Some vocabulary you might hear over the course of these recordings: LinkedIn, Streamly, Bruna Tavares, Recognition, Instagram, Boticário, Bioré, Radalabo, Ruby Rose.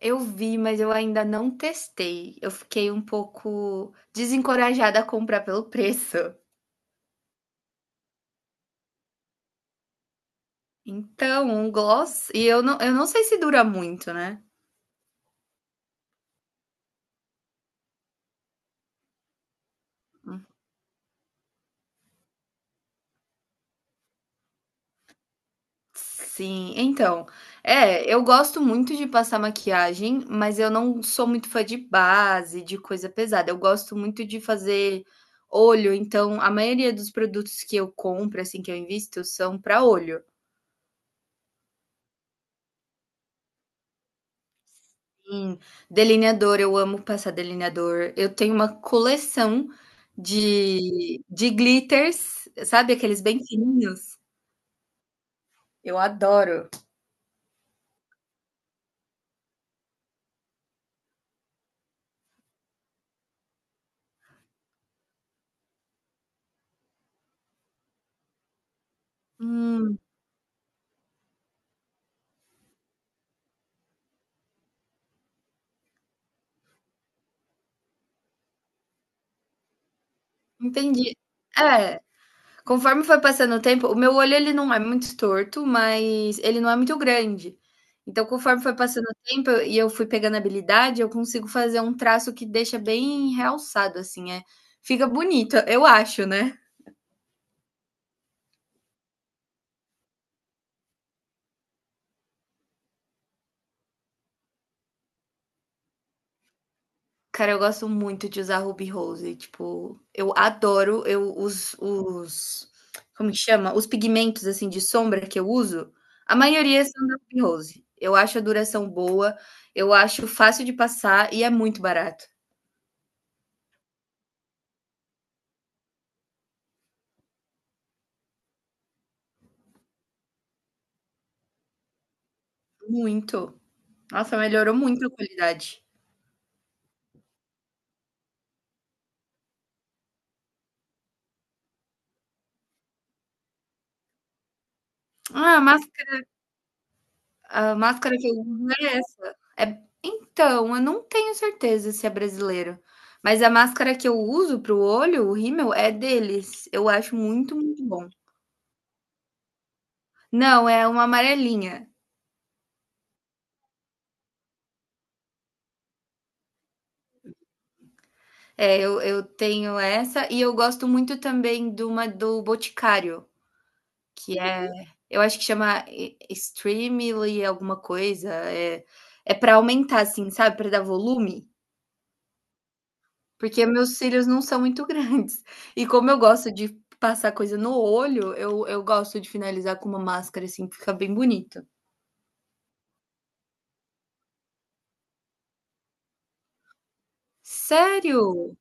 Eu vi, mas eu ainda não testei. Eu fiquei um pouco desencorajada a comprar pelo preço. Então, um gloss. E eu não sei se dura muito, né? Sim, então. É, eu gosto muito de passar maquiagem, mas eu não sou muito fã de base, de coisa pesada. Eu gosto muito de fazer olho, então a maioria dos produtos que eu compro, assim, que eu invisto, são para olho. Sim, delineador, eu amo passar delineador. Eu tenho uma coleção de glitters, sabe aqueles bem fininhos? Eu adoro. Hum, entendi. É, conforme foi passando o tempo, o meu olho ele não é muito torto, mas ele não é muito grande. Então, conforme foi passando o tempo e eu fui pegando habilidade, eu consigo fazer um traço que deixa bem realçado, assim, fica bonito, eu acho, né? Cara, eu gosto muito de usar Ruby Rose, tipo, eu adoro, eu os como que chama? Os pigmentos, assim, de sombra que eu uso, a maioria são da Ruby Rose. Eu acho a duração boa, eu acho fácil de passar e é muito barato, muito. Nossa, melhorou muito a qualidade. Ah, a máscara que eu uso é essa. Então, eu não tenho certeza se é brasileiro, mas a máscara que eu uso para o olho, o rímel, é deles. Eu acho muito, muito bom. Não, é uma amarelinha. É, eu tenho essa e eu gosto muito também de uma do Boticário, que é eu acho que chama e Streamly alguma coisa, é para aumentar, assim, sabe, para dar volume, porque meus cílios não são muito grandes. E como eu gosto de passar coisa no olho, eu gosto de finalizar com uma máscara, assim, que fica bem bonito. Sério?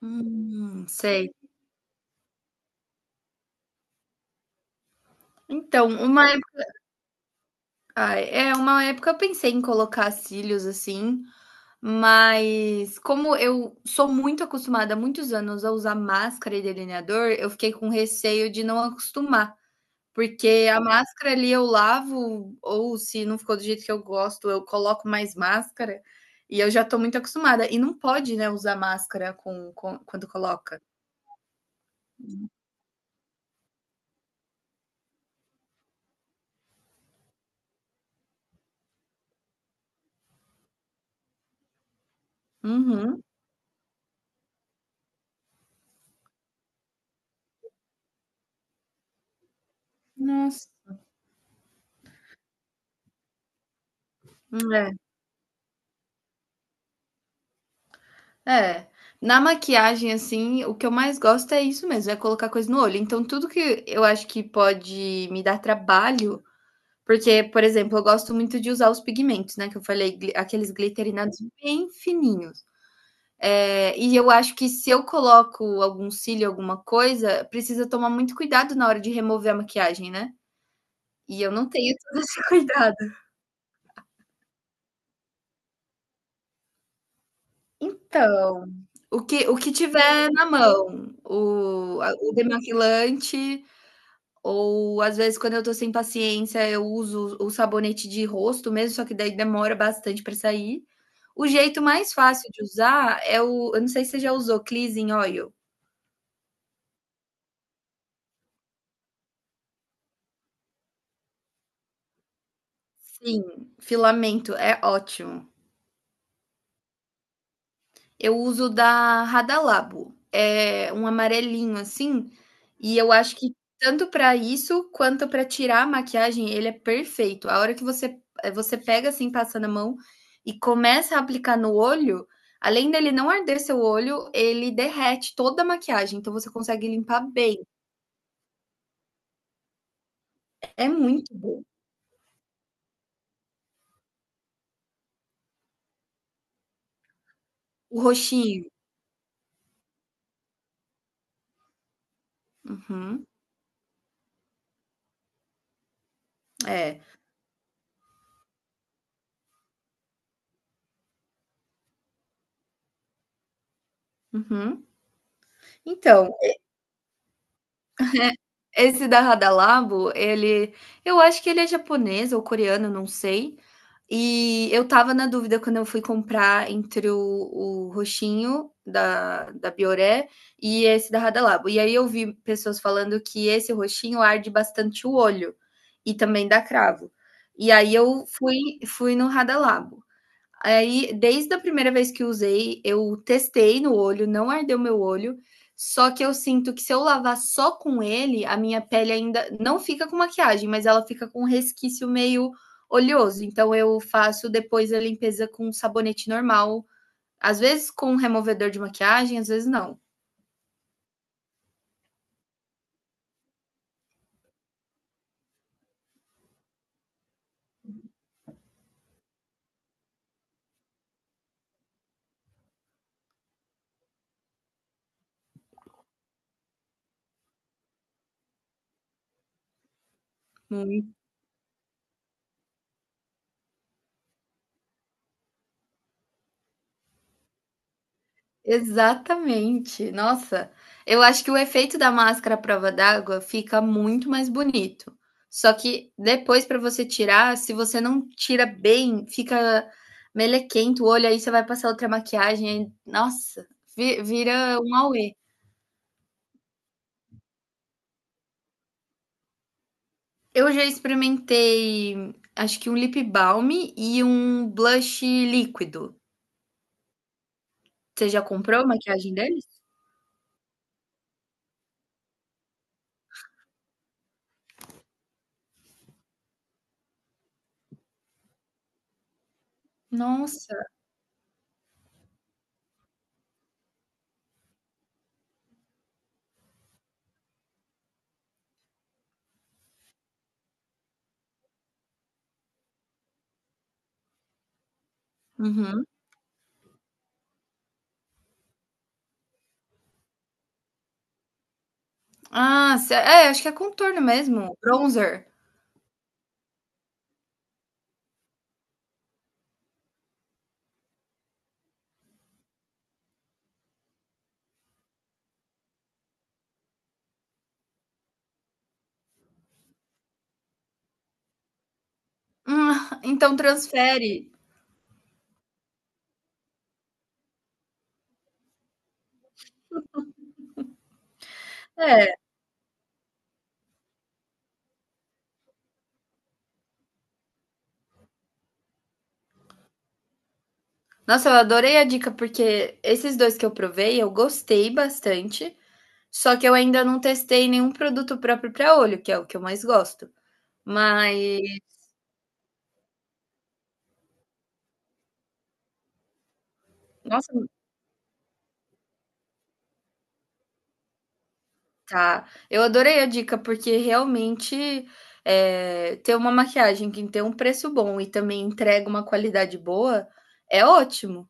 Sei. Então, uma Ah, uma época eu pensei em colocar cílios assim, mas como eu sou muito acostumada há muitos anos a usar máscara e delineador, eu fiquei com receio de não acostumar. Porque a máscara ali eu lavo, ou se não ficou do jeito que eu gosto, eu coloco mais máscara, e eu já tô muito acostumada. E não pode, né, usar máscara com quando coloca. Uhum. Nossa. É. É. Na maquiagem, assim, o que eu mais gosto é isso mesmo, é colocar coisa no olho. Então, tudo que eu acho que pode me dar trabalho porque, por exemplo, eu gosto muito de usar os pigmentos, né, que eu falei, gli aqueles glicerinados bem fininhos. E eu acho que se eu coloco algum cílio, alguma coisa, precisa tomar muito cuidado na hora de remover a maquiagem, né. E eu não tenho todo esse cuidado. Então, o que tiver na mão, o demaquilante. Ou às vezes, quando eu tô sem paciência, eu uso o sabonete de rosto mesmo, só que daí demora bastante para sair. O jeito mais fácil de usar é o eu não sei se você já usou Cleansing Oil. Sim, filamento, é ótimo. Eu uso da Radalabo, é um amarelinho assim, e eu acho que tanto para isso quanto para tirar a maquiagem ele é perfeito. A hora que você pega assim, passa na mão e começa a aplicar no olho, além dele não arder seu olho, ele derrete toda a maquiagem, então você consegue limpar bem. É muito bom. O roxinho. Uhum. É. Uhum. Então, esse da Radalabo, ele eu acho que ele é japonês ou coreano, não sei. E eu estava na dúvida quando eu fui comprar entre o roxinho da Bioré e esse da Radalabo. E aí eu vi pessoas falando que esse roxinho arde bastante o olho e também dá cravo. E aí eu fui no Radalabo. Aí, desde a primeira vez que usei, eu testei no olho, não ardeu meu olho. Só que eu sinto que se eu lavar só com ele, a minha pele ainda não fica com maquiagem, mas ela fica com um resquício meio oleoso. Então eu faço depois a limpeza com sabonete normal, às vezes com um removedor de maquiagem, às vezes não. Não. Exatamente. Nossa, eu acho que o efeito da máscara à prova d'água fica muito mais bonito. Só que depois para você tirar, se você não tira bem, fica melequento o olho, aí você vai passar outra maquiagem, aí nossa, vi vira um auê. Eu já experimentei, acho que um lip balm e um blush líquido. Você já comprou a maquiagem deles? Nossa. Uhum. Ah, se é, acho que é contorno mesmo, bronzer. Ah, então transfere. Nossa, eu adorei a dica, porque esses dois que eu provei, eu gostei bastante, só que eu ainda não testei nenhum produto próprio para olho, que é o que eu mais gosto. Mas, nossa, tá. Eu adorei a dica, porque realmente ter uma maquiagem que tem um preço bom e também entrega uma qualidade boa é ótimo,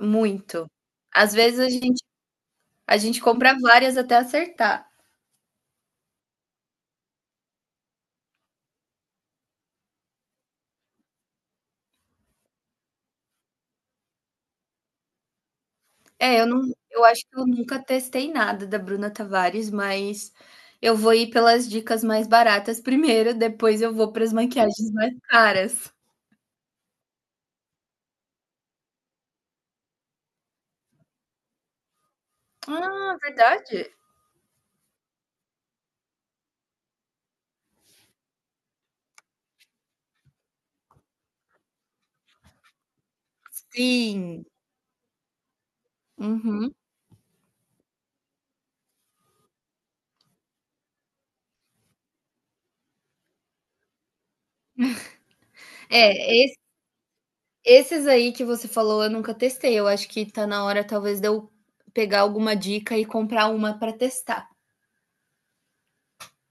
muito. Às vezes a gente compra várias até acertar. É, eu acho que eu nunca testei nada da Bruna Tavares, mas eu vou ir pelas dicas mais baratas primeiro, depois eu vou para as maquiagens mais caras. Ah, verdade? Sim. Uhum. É, es esses aí que você falou eu nunca testei, eu acho que tá na hora talvez de eu pegar alguma dica e comprar uma para testar.